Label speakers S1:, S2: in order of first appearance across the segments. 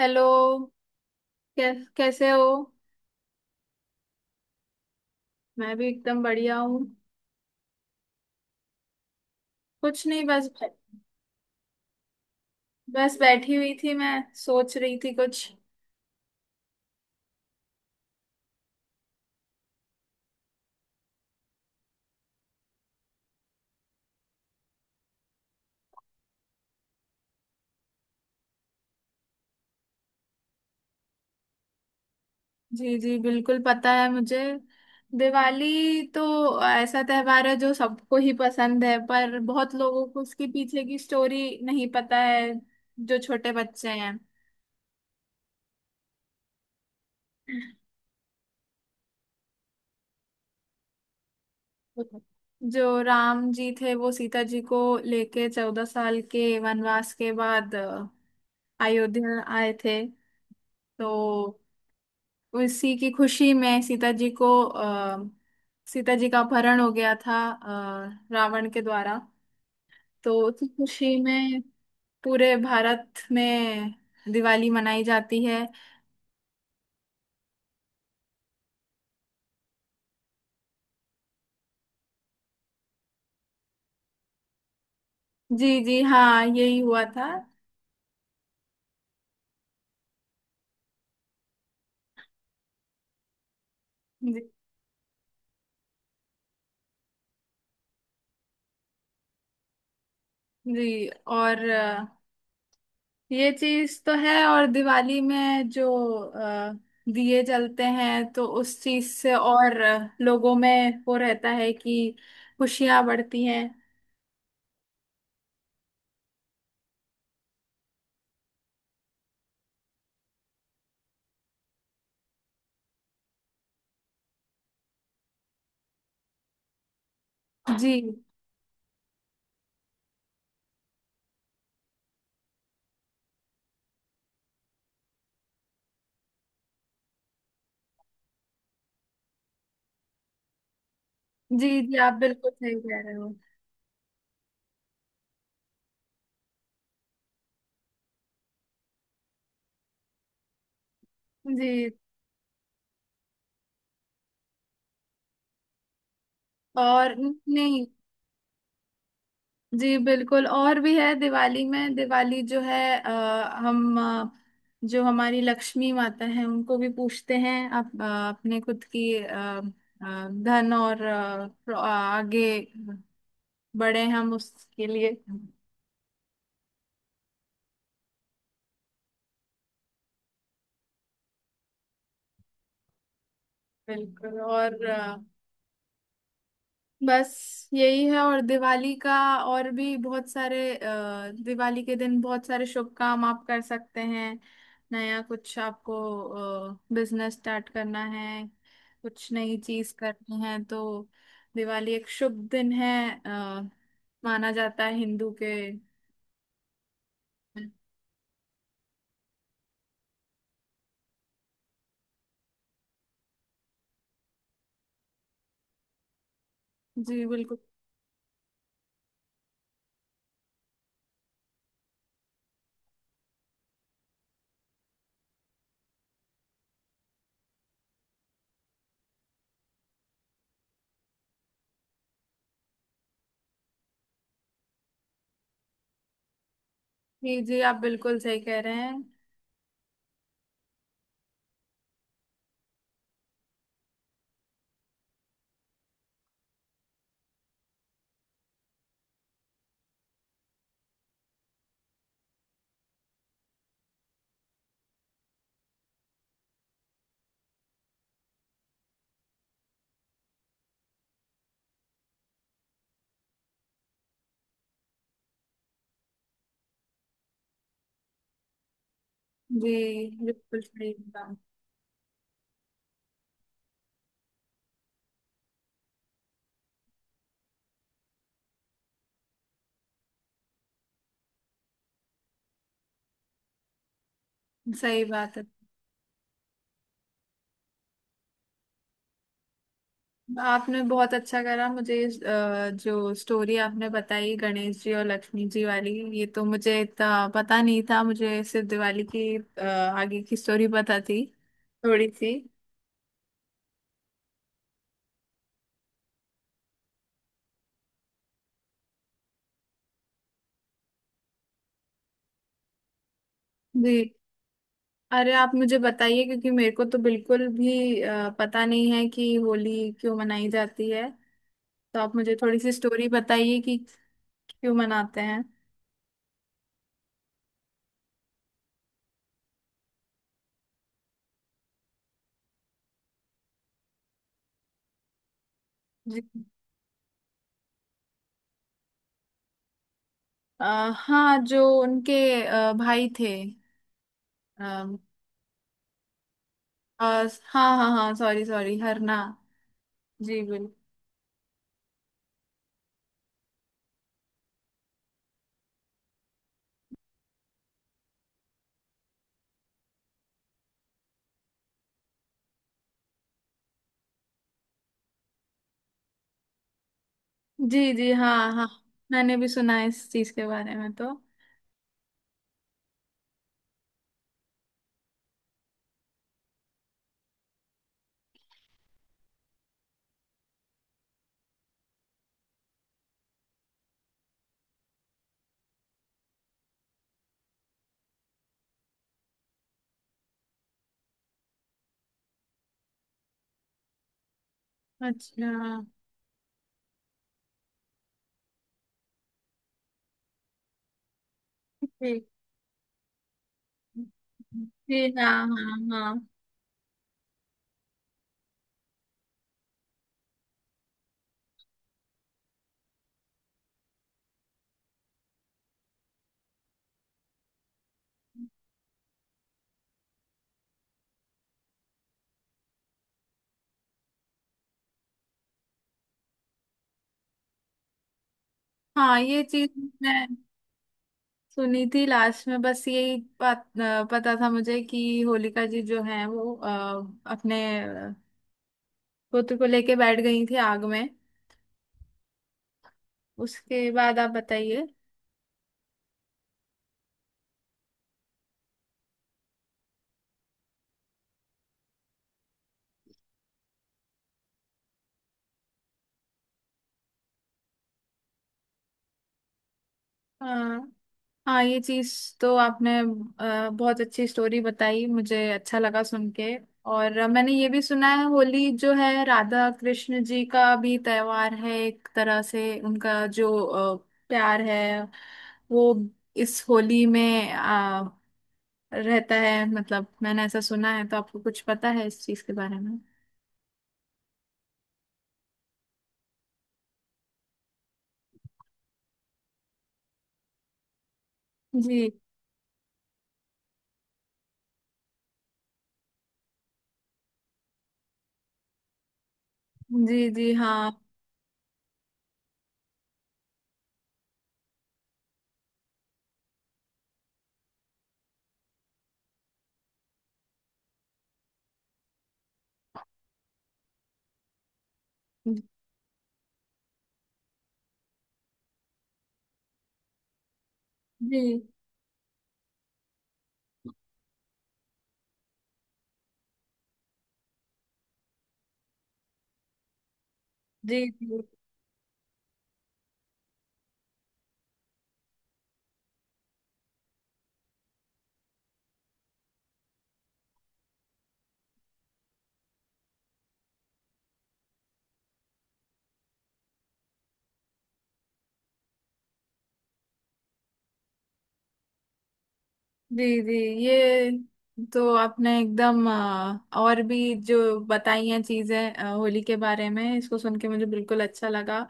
S1: Hello. कैसे हो? मैं भी एकदम बढ़िया हूँ। कुछ नहीं बस। बस बैठी हुई थी, मैं सोच रही थी कुछ। जी जी बिल्कुल पता है मुझे। दिवाली तो ऐसा त्योहार है जो सबको ही पसंद है, पर बहुत लोगों को उसके पीछे की स्टोरी नहीं पता है। जो छोटे बच्चे हैं। जो राम जी थे वो सीता जी को लेके 14 साल के वनवास के बाद अयोध्या आए थे। तो उसी की खुशी में सीता जी का अपहरण हो गया था रावण के द्वारा। तो उसी खुशी में पूरे भारत में दिवाली मनाई जाती है। जी जी हाँ यही हुआ था। जी, जी। और ये चीज तो है। और दिवाली में जो अ, दिए जलते हैं तो उस चीज से और लोगों में वो रहता है कि खुशियां बढ़ती हैं। जी। जी जी आप बिल्कुल सही कह रहे हो। जी और नहीं। जी बिल्कुल और भी है दिवाली में। दिवाली जो है हम जो हमारी लक्ष्मी माता है उनको भी पूछते हैं अपने खुद की धन और आगे बढ़े हम उसके लिए। बिल्कुल। और बस यही है। और दिवाली का और भी बहुत सारे दिवाली के दिन बहुत सारे शुभ काम आप कर सकते हैं। नया कुछ आपको बिजनेस स्टार्ट करना है, कुछ नई चीज करनी है तो दिवाली एक शुभ दिन है अ, माना जाता है हिंदू के। जी बिल्कुल। जी जी आप बिल्कुल सही कह रहे हैं। जी बिल्कुल सही बात। सही बात है। आपने बहुत अच्छा करा मुझे, जो स्टोरी आपने बताई गणेश जी और लक्ष्मी जी वाली, ये तो मुझे इतना पता नहीं था। मुझे सिर्फ दिवाली की आगे की स्टोरी पता थी, थोड़ी सी। जी। अरे आप मुझे बताइए, क्योंकि मेरे को तो बिल्कुल भी पता नहीं है कि होली क्यों मनाई जाती है। तो आप मुझे थोड़ी सी स्टोरी बताइए कि क्यों मनाते हैं। जी अ, हाँ। जो उनके भाई थे। अ, अ, हाँ हाँ हाँ, सॉरी सॉरी, हरना। जी बिल्कुल। जी जी हाँ हाँ। मैंने भी सुना है इस चीज के बारे में। तो अच्छा, ठीक। जी हाँ हाँ हाँ हाँ। ये चीज मैं सुनी थी, लास्ट में बस यही बात पता था मुझे कि होलिका जी जो हैं वो अपने पुत्र को लेके बैठ गई थी आग में। उसके बाद आप बताइए। हाँ हाँ, ये चीज तो आपने बहुत अच्छी स्टोरी बताई, मुझे अच्छा लगा सुन के। और मैंने ये भी सुना है होली जो है राधा कृष्ण जी का भी त्योहार है, एक तरह से उनका जो प्यार है वो इस होली में रहता है। मतलब मैंने ऐसा सुना है, तो आपको कुछ पता है इस चीज के बारे में? जी जी। जी हाँ। जी जी जी जी जी। ये तो आपने एकदम और भी जो बताई हैं चीजें होली के बारे में, इसको सुन के मुझे बिल्कुल अच्छा लगा।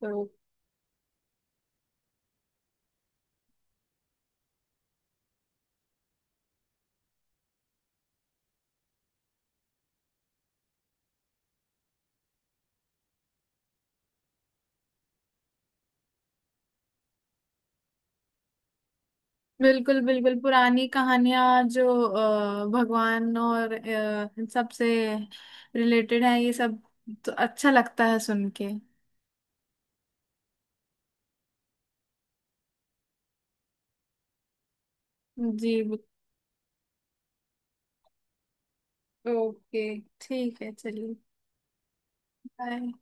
S1: तो बिल्कुल बिल्कुल, पुरानी कहानियां जो भगवान और इन सब से रिलेटेड है ये सब, तो अच्छा लगता है सुन के। जी ओके ठीक है, चलिए। बाय।